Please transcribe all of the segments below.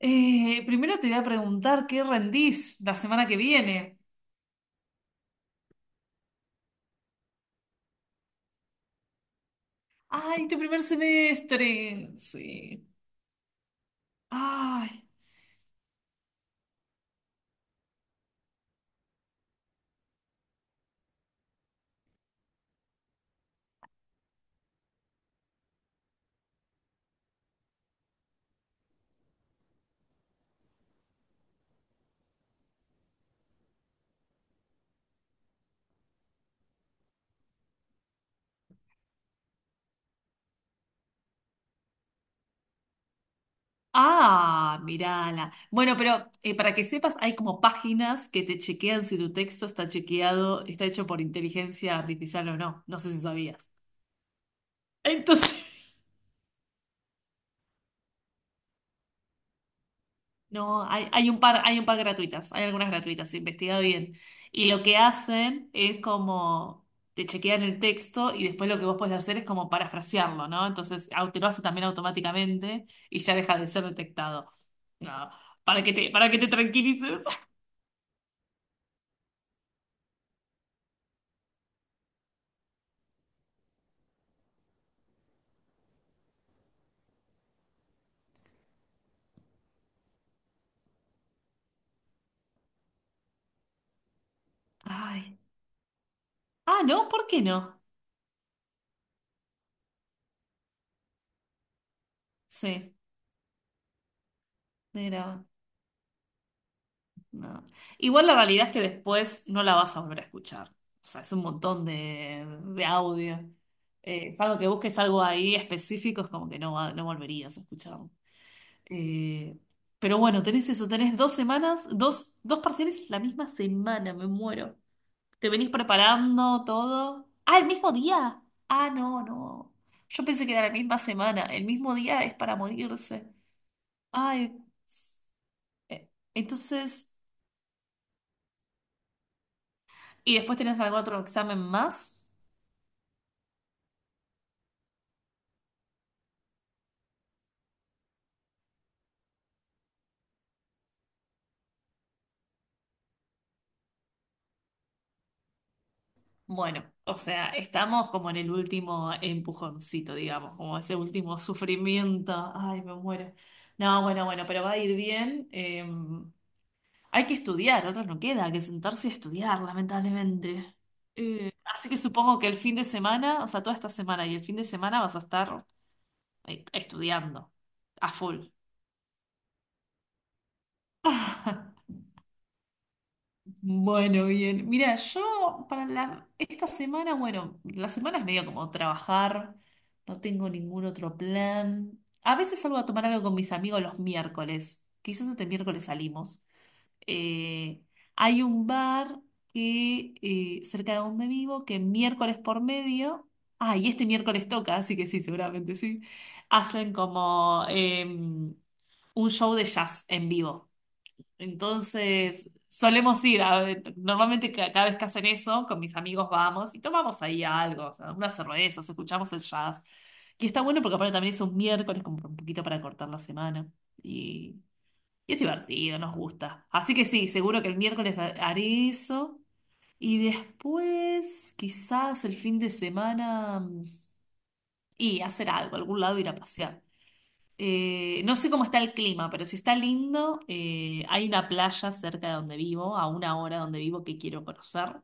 Primero te voy a preguntar qué rendís la semana que viene. ¡Ay, tu primer semestre! Sí. ¡Ay! ¡Ah! Mirala. Bueno, pero para que sepas, hay como páginas que te chequean si tu texto está chequeado, está hecho por inteligencia artificial o no. No sé si sabías. Entonces. No, hay un par gratuitas, hay algunas gratuitas, investiga bien. Y lo que hacen es como te chequean el texto y después lo que vos podés hacer es como parafrasearlo, ¿no? Entonces te lo hace también automáticamente y ya deja de ser detectado. No, para que te tranquilices. Ay. Ah, no, ¿por qué no? Sí, negra. No. Igual la realidad es que después no la vas a volver a escuchar. O sea, es un montón de, audio. Salvo que busques algo ahí específico, es como que no, no volverías a escucharlo. Eh, pero bueno, tenés eso, tenés dos semanas, dos parciales la misma semana, me muero. ¿Te venís preparando todo? Ah, el mismo día. Ah, no, no. Yo pensé que era la misma semana. El mismo día es para morirse. Ay, eh, entonces... ¿Y después tenés algún otro examen más? Bueno, o sea, estamos como en el último empujoncito, digamos, como ese último sufrimiento. Ay, me muero. No, bueno, bueno, pero va a ir bien. Hay que estudiar, otros no queda que sentarse a estudiar, lamentablemente. Así que supongo que el fin de semana, o sea, toda esta semana y el fin de semana vas a estar estudiando a full. Bueno, bien. Mira, yo esta semana, bueno, la semana es medio como trabajar, no tengo ningún otro plan. A veces salgo a tomar algo con mis amigos los miércoles, quizás este miércoles salimos. Eh, hay un bar que cerca de donde vivo que miércoles por medio, ah, y este miércoles toca, así que sí, seguramente sí, hacen como un show de jazz en vivo. Entonces, solemos ir, normalmente cada vez que hacen eso, con mis amigos vamos y tomamos ahí algo, o sea, unas cervezas, escuchamos el jazz. Que está bueno porque aparte también es un miércoles, como un poquito para cortar la semana. Y, y es divertido, nos gusta. Así que sí, seguro que el miércoles haré eso. Y después, quizás el fin de semana, mm, y hacer algo, algún lado ir a pasear. No sé cómo está el clima, pero si está lindo, hay una playa cerca de donde vivo, a una hora de donde vivo que quiero conocer,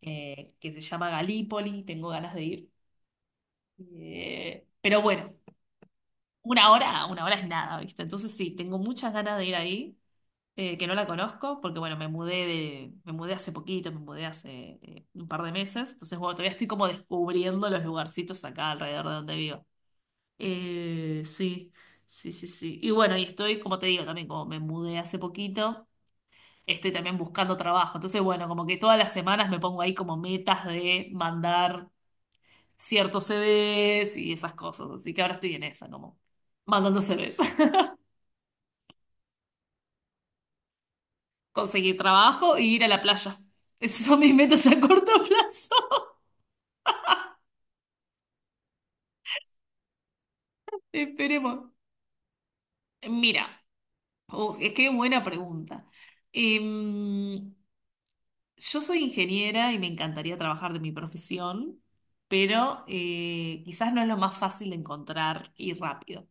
que se llama Galípoli, tengo ganas de ir. Pero bueno, una hora es nada, ¿viste? Entonces sí, tengo muchas ganas de ir ahí, que no la conozco, porque bueno, me mudé hace poquito, me mudé hace un par de meses, entonces bueno, todavía estoy como descubriendo los lugarcitos acá alrededor de donde vivo. Sí, sí, sí, sí. Y bueno, y estoy, como te digo, también como me mudé hace poquito, estoy también buscando trabajo. Entonces, bueno, como que todas las semanas me pongo ahí como metas de mandar ciertos CVs y esas cosas. Así que ahora estoy en esa, como mandando CVs. Conseguir trabajo y ir a la playa. Esas son mis metas a corto plazo. Esperemos. Mira, es que buena pregunta. Em, Yo soy ingeniera y me encantaría trabajar de mi profesión, pero quizás no es lo más fácil de encontrar y rápido.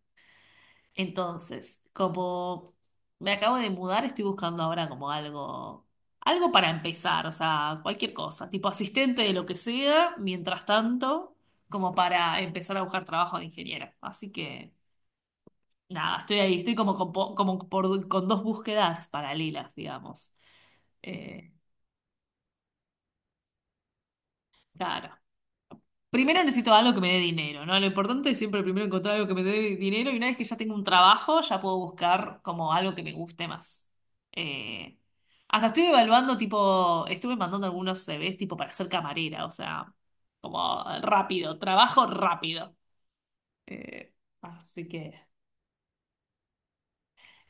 Entonces, como me acabo de mudar, estoy buscando ahora como algo, algo para empezar, o sea, cualquier cosa, tipo asistente de lo que sea, mientras tanto, como para empezar a buscar trabajo de ingeniera. Así que, nada, estoy ahí, estoy como con, como con dos búsquedas paralelas, digamos. Eh, claro. Primero necesito algo que me dé dinero, ¿no? Lo importante es siempre primero encontrar algo que me dé dinero y una vez que ya tengo un trabajo, ya puedo buscar como algo que me guste más. Eh, hasta estoy evaluando, tipo, estuve mandando algunos CVs tipo para ser camarera, o sea, como rápido, trabajo rápido. Eh, así que...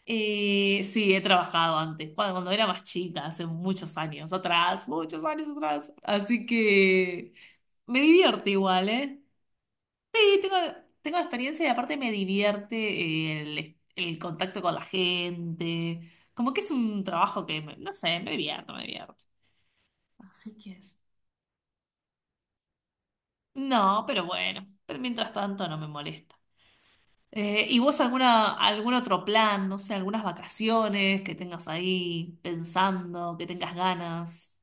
Sí, he trabajado antes, cuando, era más chica, hace muchos años atrás, muchos años atrás. Así que me divierte igual, ¿eh? Sí, tengo, tengo experiencia y aparte me divierte el contacto con la gente. Como que es un trabajo que, no sé, me divierto, me divierto. Así que es. No, pero bueno, pero mientras tanto no me molesta. ¿Y vos alguna, algún otro plan, no sé, algunas vacaciones que tengas ahí pensando, que tengas ganas?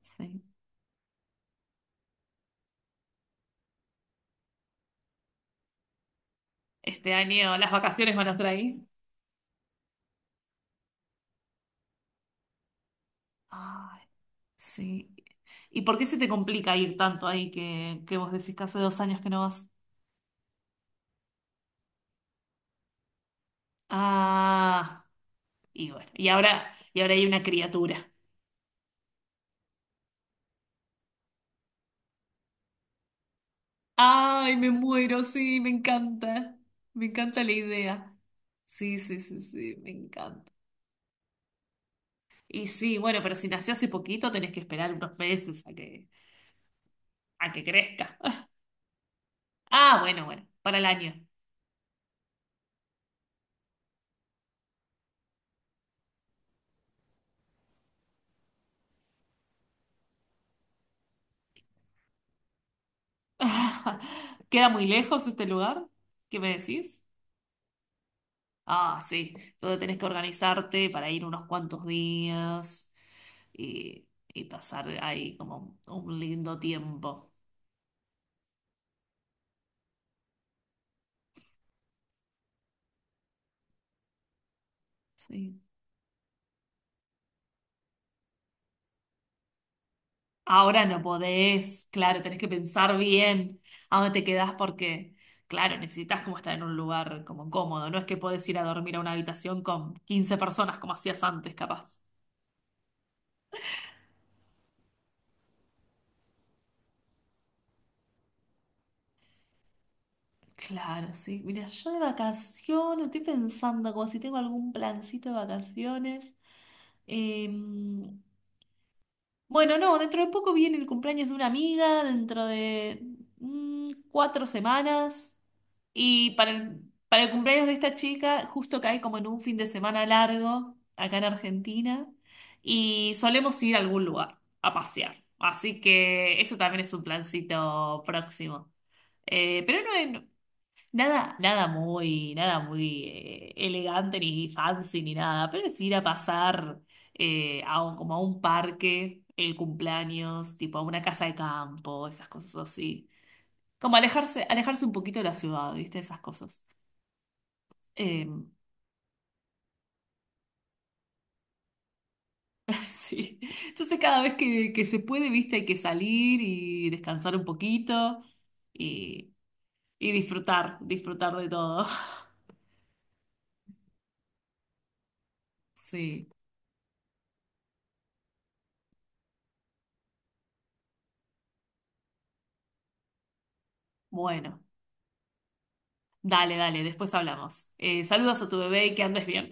Sí. Este año las vacaciones van a ser ahí. Ay, sí. ¿Y por qué se te complica ir tanto ahí que, vos decís que hace dos años que no vas? Ah, y bueno, y ahora, hay una criatura. Ay, me muero, sí, me encanta. Me encanta la idea. Sí, sí, sí, sí, me encanta. Y sí, bueno, pero si nació hace poquito, tenés que esperar unos meses a que, crezca. Ah, bueno, bueno, para el año. ¿Queda muy lejos este lugar? ¿Qué me decís? Ah, sí. Entonces tenés que organizarte para ir unos cuantos días y pasar ahí como un lindo tiempo. Sí. Ahora no podés, claro, tenés que pensar bien a dónde te quedás porque, claro, necesitas como estar en un lugar como cómodo. No es que podés ir a dormir a una habitación con 15 personas como hacías antes, capaz. Claro, sí. Mira, yo de vacaciones, estoy pensando como si tengo algún plancito de vacaciones. Em, Bueno, no, dentro de poco viene el cumpleaños de una amiga, dentro de cuatro semanas. Y para el, cumpleaños de esta chica, justo cae como en un fin de semana largo acá en Argentina. Y solemos ir a algún lugar a pasear. Así que eso también es un plancito próximo. Pero no, nada, nada muy elegante ni fancy ni nada, pero es ir a pasar a como a un parque el cumpleaños, tipo a una casa de campo, esas cosas así. Como alejarse, alejarse un poquito de la ciudad, ¿viste? Esas cosas. Eh, sí. Entonces cada vez que, se puede, ¿viste? Hay que salir y descansar un poquito y, y disfrutar, disfrutar de todo. Sí. Bueno. Dale, dale, después hablamos. Saludos a tu bebé y que andes bien.